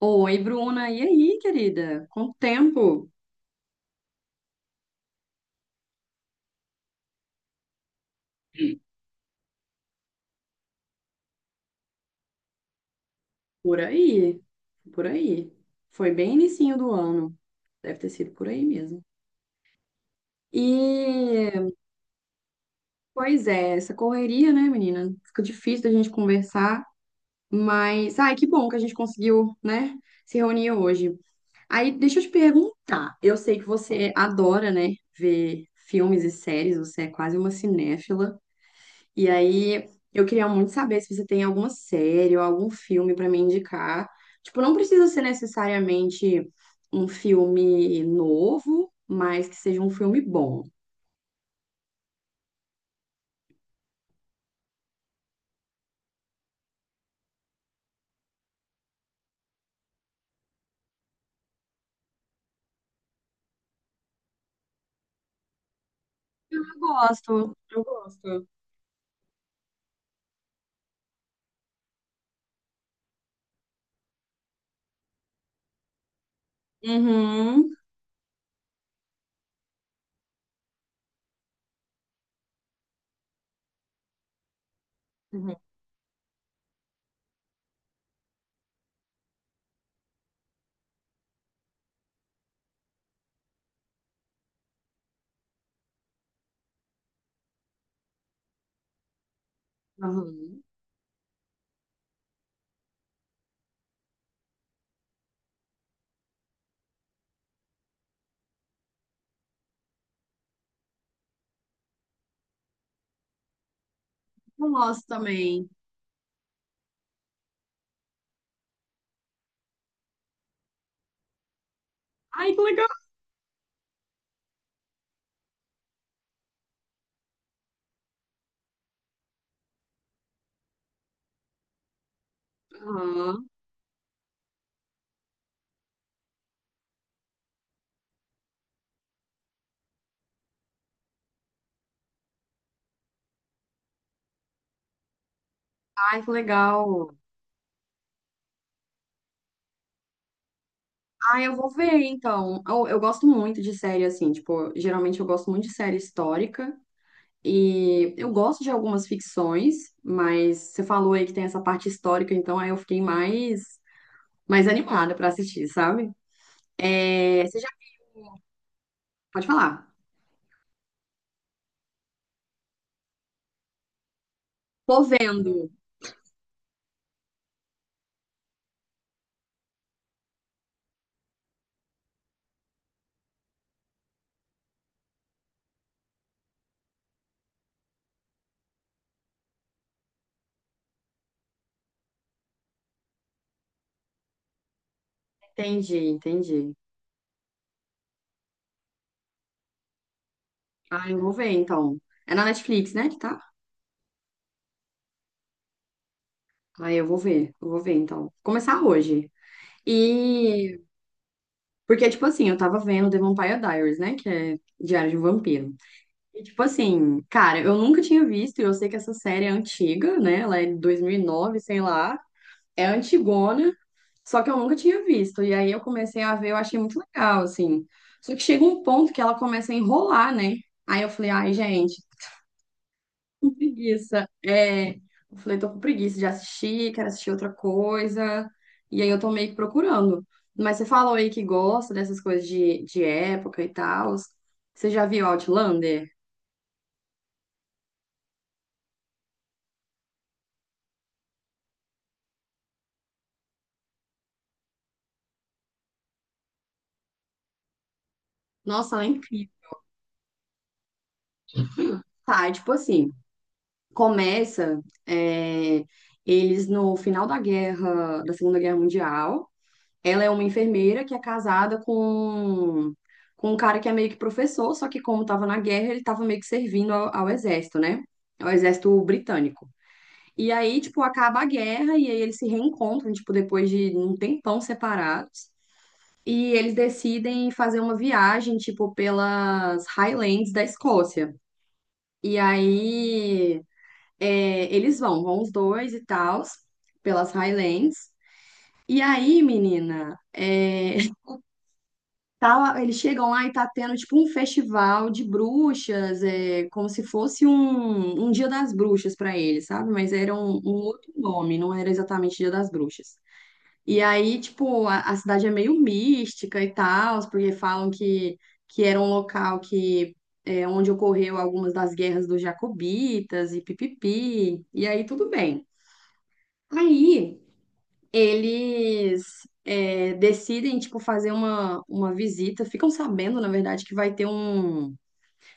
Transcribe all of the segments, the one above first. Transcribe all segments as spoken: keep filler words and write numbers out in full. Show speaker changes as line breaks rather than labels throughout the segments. Oi, Bruna, e aí, querida? Quanto tempo? Por aí, por aí. Foi bem inicinho do ano, deve ter sido por aí mesmo. E, pois é, essa correria, né, menina? Fica difícil da gente conversar, mas, ai, que bom que a gente conseguiu, né, se reunir hoje. Aí, deixa eu te perguntar, eu sei que você adora, né, ver filmes e séries, você é quase uma cinéfila. E aí, eu queria muito saber se você tem alguma série ou algum filme pra me indicar. Tipo, não precisa ser necessariamente um filme novo, mas que seja um filme bom. Eu gosto, eu gosto. Uhum. Uhum. Aham. Eu gosto também. Ai, que legal. Aham. Ai, que legal. Ai, eu vou ver, então. Eu, eu gosto muito de série, assim, tipo, geralmente eu gosto muito de série histórica. E eu gosto de algumas ficções, mas você falou aí que tem essa parte histórica, então aí eu fiquei mais, mais, animada pra assistir, sabe? É, você já pode falar. Tô vendo. Entendi, entendi. Ah, eu vou ver então. É na Netflix, né, que tá? Ah, eu vou ver, eu vou ver então. Vou começar hoje. E porque, tipo assim, eu tava vendo The Vampire Diaries, né? Que é Diário de um Vampiro. E, tipo assim, cara, eu nunca tinha visto, e eu sei que essa série é antiga, né? Ela é de dois mil e nove sei lá. É antigona, só que eu nunca tinha visto. E aí eu comecei a ver, eu achei muito legal, assim. Só que chega um ponto que ela começa a enrolar, né? Aí eu falei, ai, gente, tô com preguiça. É, eu falei, tô com preguiça de assistir, quero assistir outra coisa. E aí eu tô meio que procurando. Mas você falou aí que gosta dessas coisas de, de, época e tal. Você já viu Outlander? Nossa, ela é incrível. Tá, é tipo assim. Começa, é, eles no final da guerra, da Segunda Guerra Mundial. Ela é uma enfermeira que é casada com, com, um cara que é meio que professor, só que como estava na guerra, ele estava meio que servindo ao, ao exército, né? Ao exército britânico. E aí, tipo, acaba a guerra e aí eles se reencontram, tipo, depois de um tempão separados. E eles decidem fazer uma viagem, tipo, pelas Highlands da Escócia. E aí é, eles vão, vão, os dois e tal, pelas Highlands. E aí, menina, é, tá- eles chegam lá e tá tendo tipo um festival de bruxas, é, como se fosse um, um, Dia das Bruxas pra eles, sabe? Mas era um, um outro nome, não era exatamente Dia das Bruxas. E aí, tipo, a, a, cidade é meio mística e tal, porque falam que, que era um local que é, onde ocorreu algumas das guerras dos Jacobitas e pipipi. E aí, tudo bem. Aí eles é, decidem, tipo, fazer uma, uma visita. Ficam sabendo, na verdade, que vai ter um,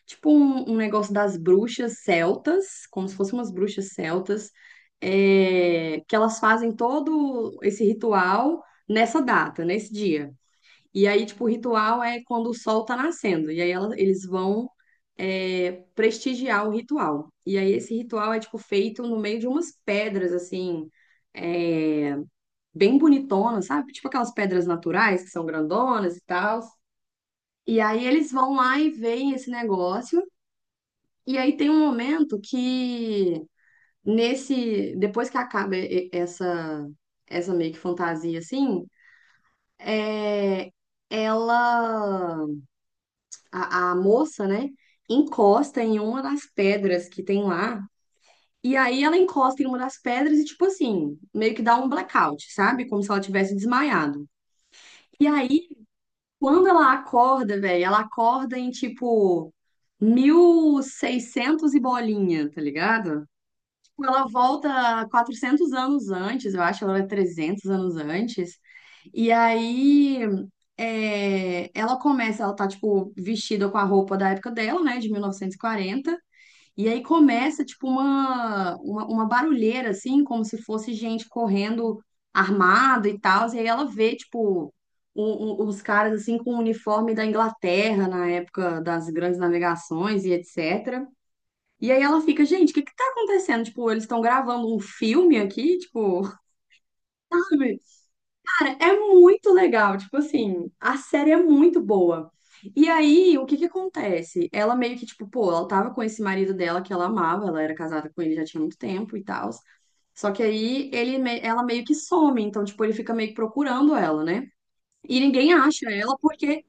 tipo, um, um negócio das bruxas celtas, como se fossem umas bruxas celtas, é, que elas fazem todo esse ritual nessa data, nesse dia. E aí, tipo, o ritual é quando o sol tá nascendo. E aí ela- eles vão é, prestigiar o ritual. E aí esse ritual é, tipo, feito no meio de umas pedras, assim é, bem bonitona, sabe? Tipo aquelas pedras naturais que são grandonas e tal. E aí eles vão lá e veem esse negócio. E aí tem um momento que nesse, depois que acaba e- e- essa essa meio que fantasia assim, é, ela a, a moça, né, encosta em uma das pedras que tem lá. E aí ela encosta em uma das pedras e tipo assim, meio que dá um blackout, sabe? Como se ela tivesse desmaiado. E aí quando ela acorda, velho, ela acorda em tipo mil e seiscentos e seiscentos e bolinha, tá ligado? Tipo, ela volta quatrocentos anos antes, eu acho, ela é trezentos anos antes. E aí é, ela começa, ela tá tipo vestida com a roupa da época dela, né, de mil novecentos e quarenta. E aí começa, tipo, uma, uma, uma barulheira, assim, como se fosse gente correndo armado e tal. E aí ela vê, tipo, o- o- os caras, assim, com o uniforme da Inglaterra na época das grandes navegações e etcétera. E aí ela fica, gente, o que que tá acontecendo? Tipo, eles estão gravando um filme aqui, tipo, Cara, é muito legal, tipo assim, a série é muito boa. E aí, o que que acontece? Ela meio que, tipo, pô, ela tava com esse marido dela que ela amava, ela era casada com ele já tinha muito tempo e tal. Só que aí ele, me- ela meio que some, então, tipo, ele fica meio que procurando ela, né? E ninguém acha ela porque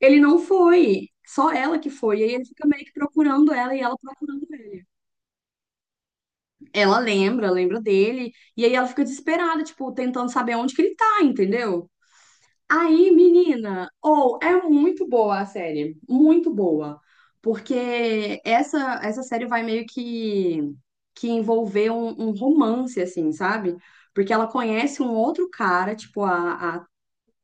ele não foi, só ela que foi. E aí ele fica meio que procurando ela e ela procurando ele. Ela lembra, lembra dele, e aí ela fica desesperada, tipo, tentando saber onde que ele tá, entendeu? Aí, menina, ou é muito boa a série, muito boa, porque essa essa série vai meio que que envolver um, um romance assim, sabe? Porque ela conhece um outro cara, tipo a, a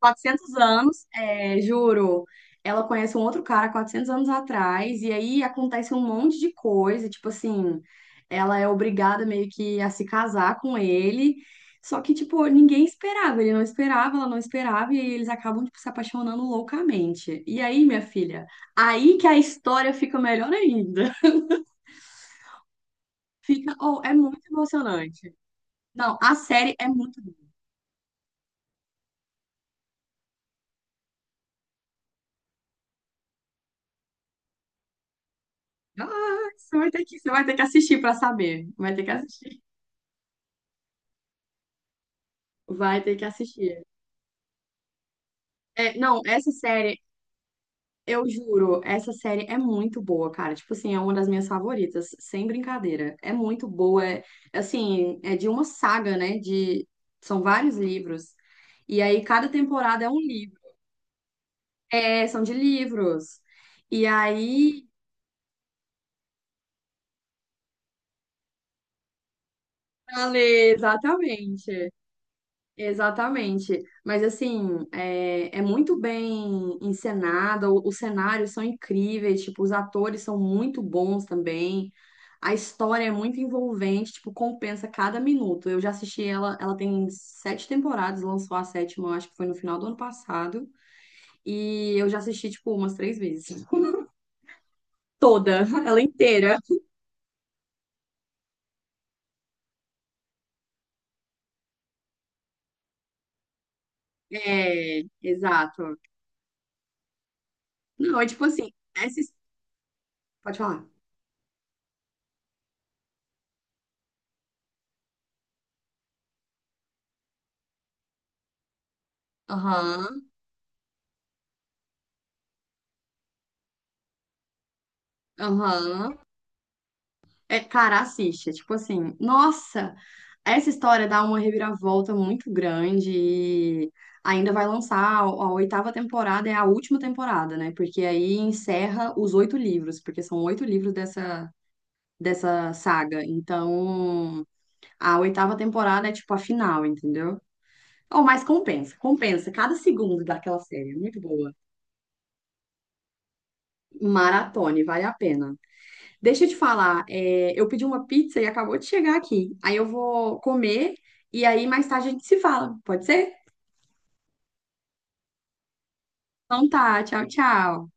quatrocentos anos, é, juro. Ela conhece um outro cara quatrocentos anos atrás, e aí acontece um monte de coisa, tipo assim, ela é obrigada meio que a se casar com ele. Só que, tipo, ninguém esperava, ele não esperava, ela não esperava, e aí eles acabam, tipo, se apaixonando loucamente. E aí, minha filha, aí que a história fica melhor ainda. Fica, oh, é muito emocionante. Não, a série é muito boa. Ah, você vai ter que, você vai ter que assistir pra saber. Vai ter que assistir. Vai ter que assistir. É, não, essa série, eu juro, essa série é muito boa, cara. Tipo assim, é uma das minhas favoritas, sem brincadeira. É muito boa. É, assim, é de uma saga, né? De, são vários livros. E aí, cada temporada é um livro. É, são de livros. E aí, Ale, exatamente. Exatamente. Mas assim, é, é muito bem encenada, o- os cenários são incríveis, tipo, os atores são muito bons também. A história é muito envolvente, tipo, compensa cada minuto. Eu já assisti ela, ela tem sete temporadas, lançou a sétima, eu acho que foi no final do ano passado, e eu já assisti, tipo, umas três vezes. Toda, ela inteira. É, exato. Não, é tipo assim, essa... his- Pode falar. Aham, aham. É, cara, assiste. É tipo assim, nossa, essa história dá uma reviravolta muito grande e ainda vai lançar a, a, oitava temporada, é a última temporada, né? Porque aí encerra os oito livros, porque são oito livros dessa, dessa saga. Então, a oitava temporada é tipo a final, entendeu? Oh, mas compensa, compensa. Cada segundo daquela série é muito boa. Maratone, vale a pena. Deixa eu te falar, é, eu pedi uma pizza e acabou de chegar aqui. Aí eu vou comer e aí mais tarde a gente se fala, pode ser? Então tá, tchau, tchau.